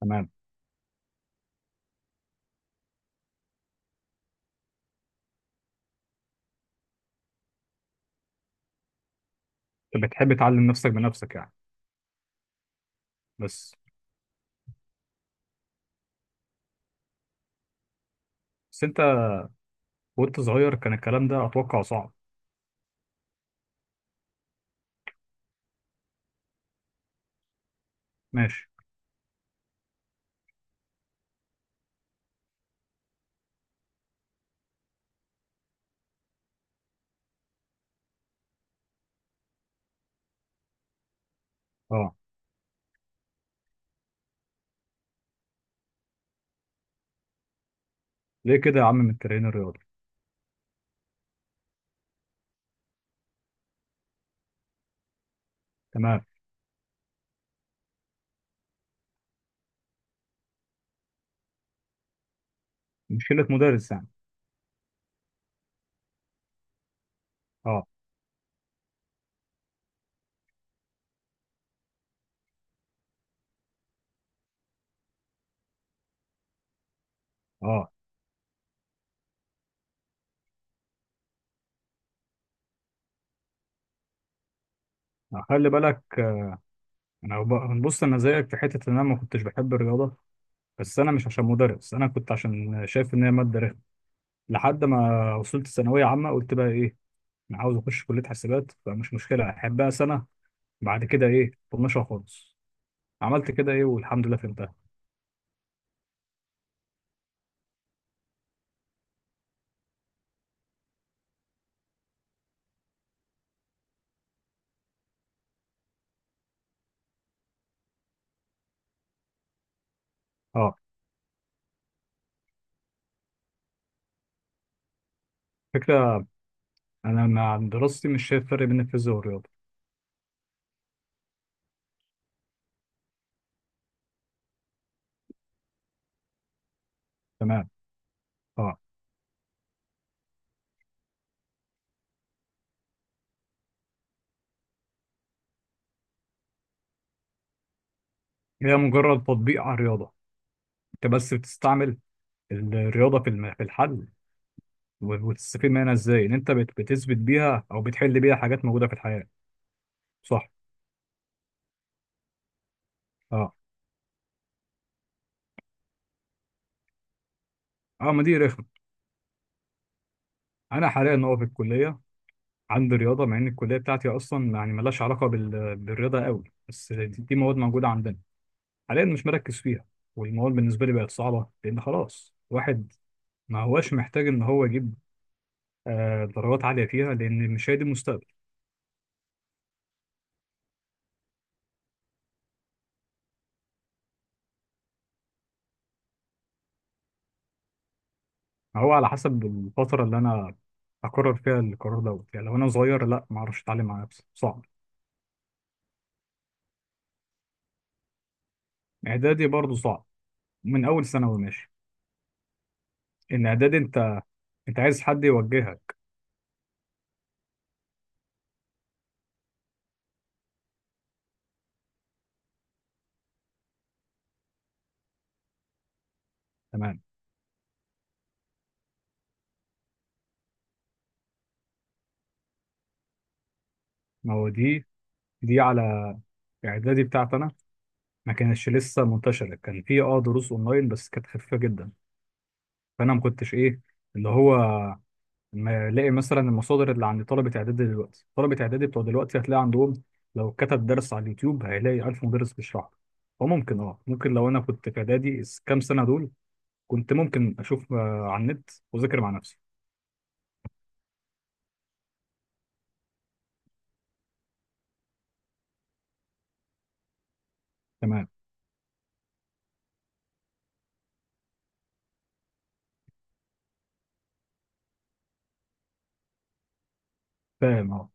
تمام. انت بتحب تعلم نفسك بنفسك يعني؟ بس بس انت، وانت صغير كان الكلام ده اتوقع صعب. ماشي. اه. ليه كده يا عم من التمرين الرياضي؟ تمام. مشكلة مدرس يعني؟ اه. اه خلي بالك. انا بص، انا زيك في حتة ان انا ما كنتش بحب الرياضة، بس انا مش عشان مدرس، انا كنت عشان شايف ان هي مادة رخمة. لحد ما وصلت ثانوية عامة قلت بقى ايه، انا عاوز اخش كلية حاسبات، فمش مشكلة احبها سنة، بعد كده ايه طنشها خالص. عملت كده، ايه، والحمد لله فهمتها. اه، فكرة. انا مع دراستي مش شايف فرق بين الفيزياء والرياضه. تمام. اه. هي مجرد تطبيق على الرياضه، انت بس بتستعمل الرياضه في الحل، وتستفيد منها ازاي ان انت بتثبت بيها او بتحل بيها حاجات موجوده في الحياه. صح. اه، اه، ما دي رخمه. انا حاليا هو في الكليه عندي رياضه، مع ان الكليه بتاعتي اصلا يعني ملهاش علاقه بالرياضه قوي، بس دي مواد موجوده عندنا. حاليا مش مركز فيها، والمواد بالنسبه لي بقت صعبه لان خلاص، واحد ما هوش محتاج ان هو يجيب، درجات عالية فيها، لأن مش هي دي المستقبل. هو على حسب الفترة اللي أنا هقرر فيها القرار دوت، يعني لو أنا صغير لا، ما أعرفش أتعلم على نفسي، صعب. إعدادي برضه صعب، من أول ثانوي ماشي. إن إعدادي أنت عايز حد يوجهك. تمام. ما هو دي على إعدادي بتاعتي أنا، ما كانتش لسه منتشرة، كان في دروس أونلاين بس كانت خفيفة جدا، فأنا ما كنتش إيه، اللي هو ما الاقي مثلا المصادر اللي عند طلبه اعدادي دلوقتي، طلبه اعدادي بتوع دلوقتي هتلاقي عندهم، لو كتب درس على اليوتيوب هيلاقي 1000 مدرس بيشرح له. وممكن اه ممكن لو انا كنت في اعدادي كام سنه دول كنت ممكن اشوف على النت واذاكر مع نفسي. تمام. فاهم، اه.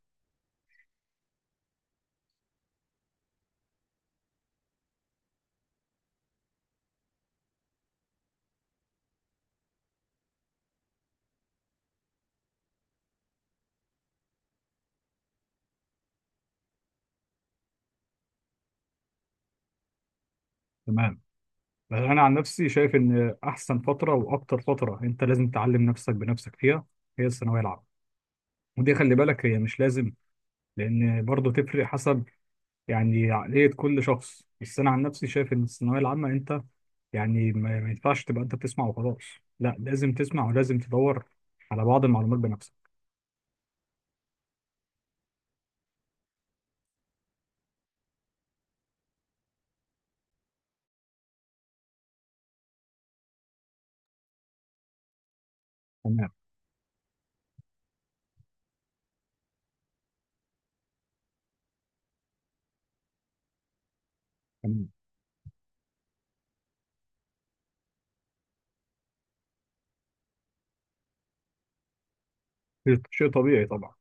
تمام. بس انا عن نفسي شايف ان احسن فتره واكتر فتره انت لازم تعلم نفسك بنفسك فيها هي الثانويه العامه. ودي خلي بالك هي مش لازم، لان برضه تفرق حسب يعني عقلية كل شخص. بس أنا عن نفسي شايف إن الثانوية العامة أنت، يعني ما ينفعش تبقى أنت بتسمع وخلاص، لا، لازم تسمع ولازم تدور على بعض المعلومات بنفسك. تمام. تمام. شيء طبيعي طبعا.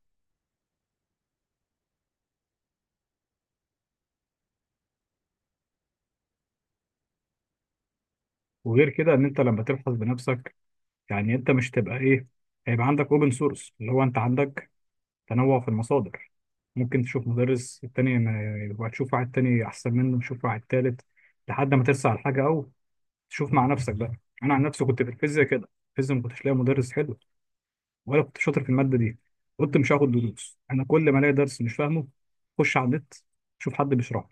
وغير كده إن أنت لما تبحث بنفسك يعني أنت مش تبقى إيه، هيبقى عندك أوبن سورس، اللي هو أنت عندك تنوع في المصادر، ممكن تشوف مدرس التاني وهتشوف واحد تاني أحسن منه، تشوف واحد تالت، لحد ما ترسى على حاجة أو تشوف مع نفسك بقى. أنا عن نفسي كنت في الفيزياء كده، الفيزياء ما كنتش لاقي مدرس حلو، ولا كنت شاطر في الماده دي، قلت مش هاخد دروس، انا كل ما الاقي درس مش فاهمه اخش على النت اشوف حد بيشرحه.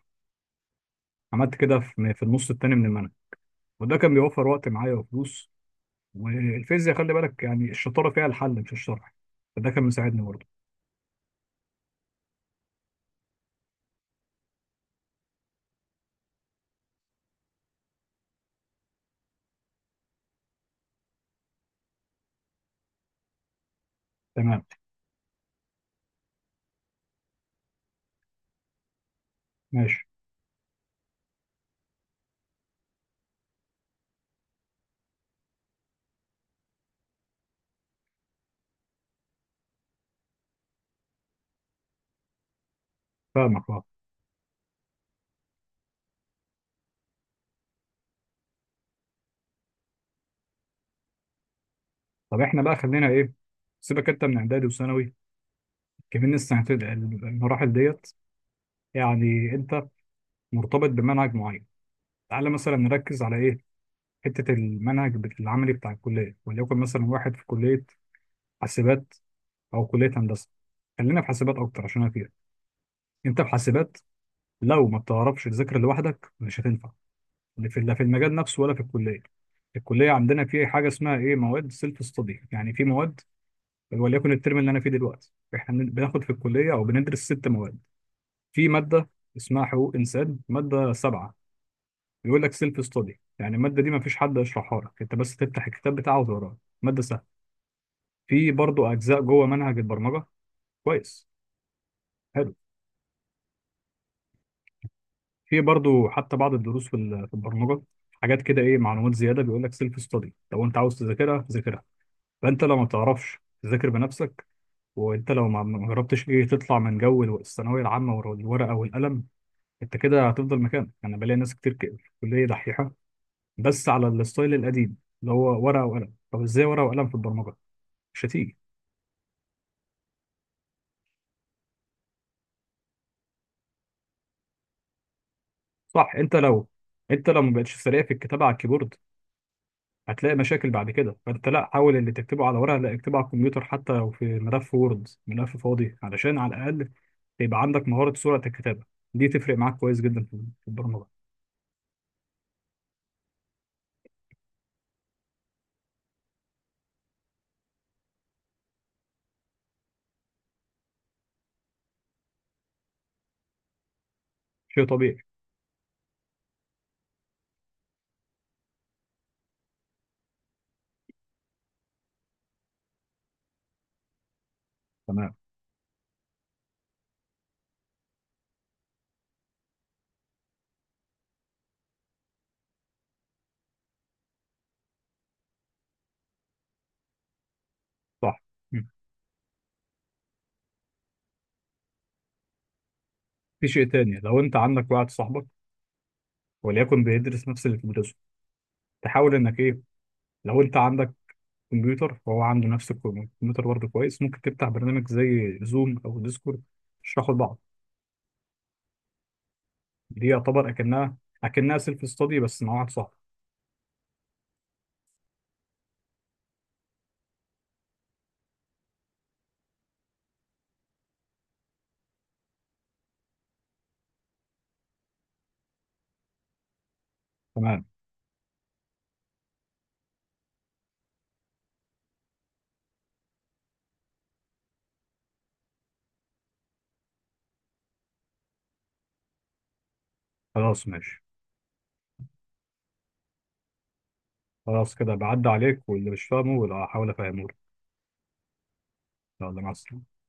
عملت كده في النص التاني من المنهج. وده كان بيوفر وقت معايا وفلوس. والفيزياء خلي بالك يعني الشطاره فيها الحل مش الشرح، فده كان مساعدني برضه. تمام. ماشي. فاهمك، اه. طب احنا بقى خلينا ايه، سيبك انت من اعدادي وثانوي كمان، السنتين المراحل ديت يعني انت مرتبط بمنهج معين، تعالى مثلا نركز على ايه، حته المنهج العملي بتاع الكليه، وليكن مثلا واحد في كليه حاسبات او كليه هندسه، خلينا في حاسبات اكتر عشان انا فيها. انت في حاسبات لو ما بتعرفش تذاكر لوحدك مش هتنفع، لا في، لا في المجال نفسه ولا في الكليه. الكليه عندنا في حاجه اسمها ايه، مواد سيلف ستادي، يعني في مواد، وليكن الترم اللي انا فيه دلوقتي احنا بناخد في الكليه او بندرس 6 مواد، في ماده اسمها حقوق انسان، ماده سبعه، بيقول لك سيلف ستادي يعني الماده دي ما فيش حد يشرحها لك، انت بس تفتح الكتاب بتاعه وتقراه. ماده سهلة. في برضو اجزاء جوه منهج البرمجه. كويس. حلو. في برضو حتى بعض الدروس في البرمجه حاجات كده ايه، معلومات زياده بيقول لك سيلف ستادي، لو انت عاوز تذاكرها ذاكرها. فانت لو ما تعرفش تذاكر بنفسك، وانت لو ما جربتش ايه تطلع من جو الثانويه العامه والورقه والقلم، انت كده هتفضل مكانك. انا بلاقي ناس كتير كده في الكليه دحيحه بس على الستايل القديم اللي هو ورقه وقلم. طب ازاي ورقه وقلم في البرمجه؟ مش هتيجي. صح. انت لو ما بقتش سريع في الكتابه على الكيبورد هتلاقي مشاكل بعد كده، فانت لا حاول اللي تكتبه على ورقه، لا اكتبه على الكمبيوتر حتى لو في ملف وورد، ملف فاضي، علشان على الاقل يبقى عندك مهاره سرعه الكتابه، دي تفرق معاك كويس جدا في البرمجه. شيء طبيعي. تمام. صح. مم. في شيء تاني، لو انت عندك واحد صاحبك وليكن بيدرس نفس اللي بتدرسه، تحاول انك ايه، لو انت عندك كمبيوتر فهو عنده نفس الكمبيوتر برضه كويس، ممكن تفتح برنامج زي زوم او ديسكورد تشرحوا لبعض، دي يعتبر اكنها سيلف ستادي بس مع واحد صاحبك. تمام. خلاص ماشي. خلاص كده بعد عليك، واللي مش فاهمه ولا هحاول افهمه له. يلا، مع السلامه.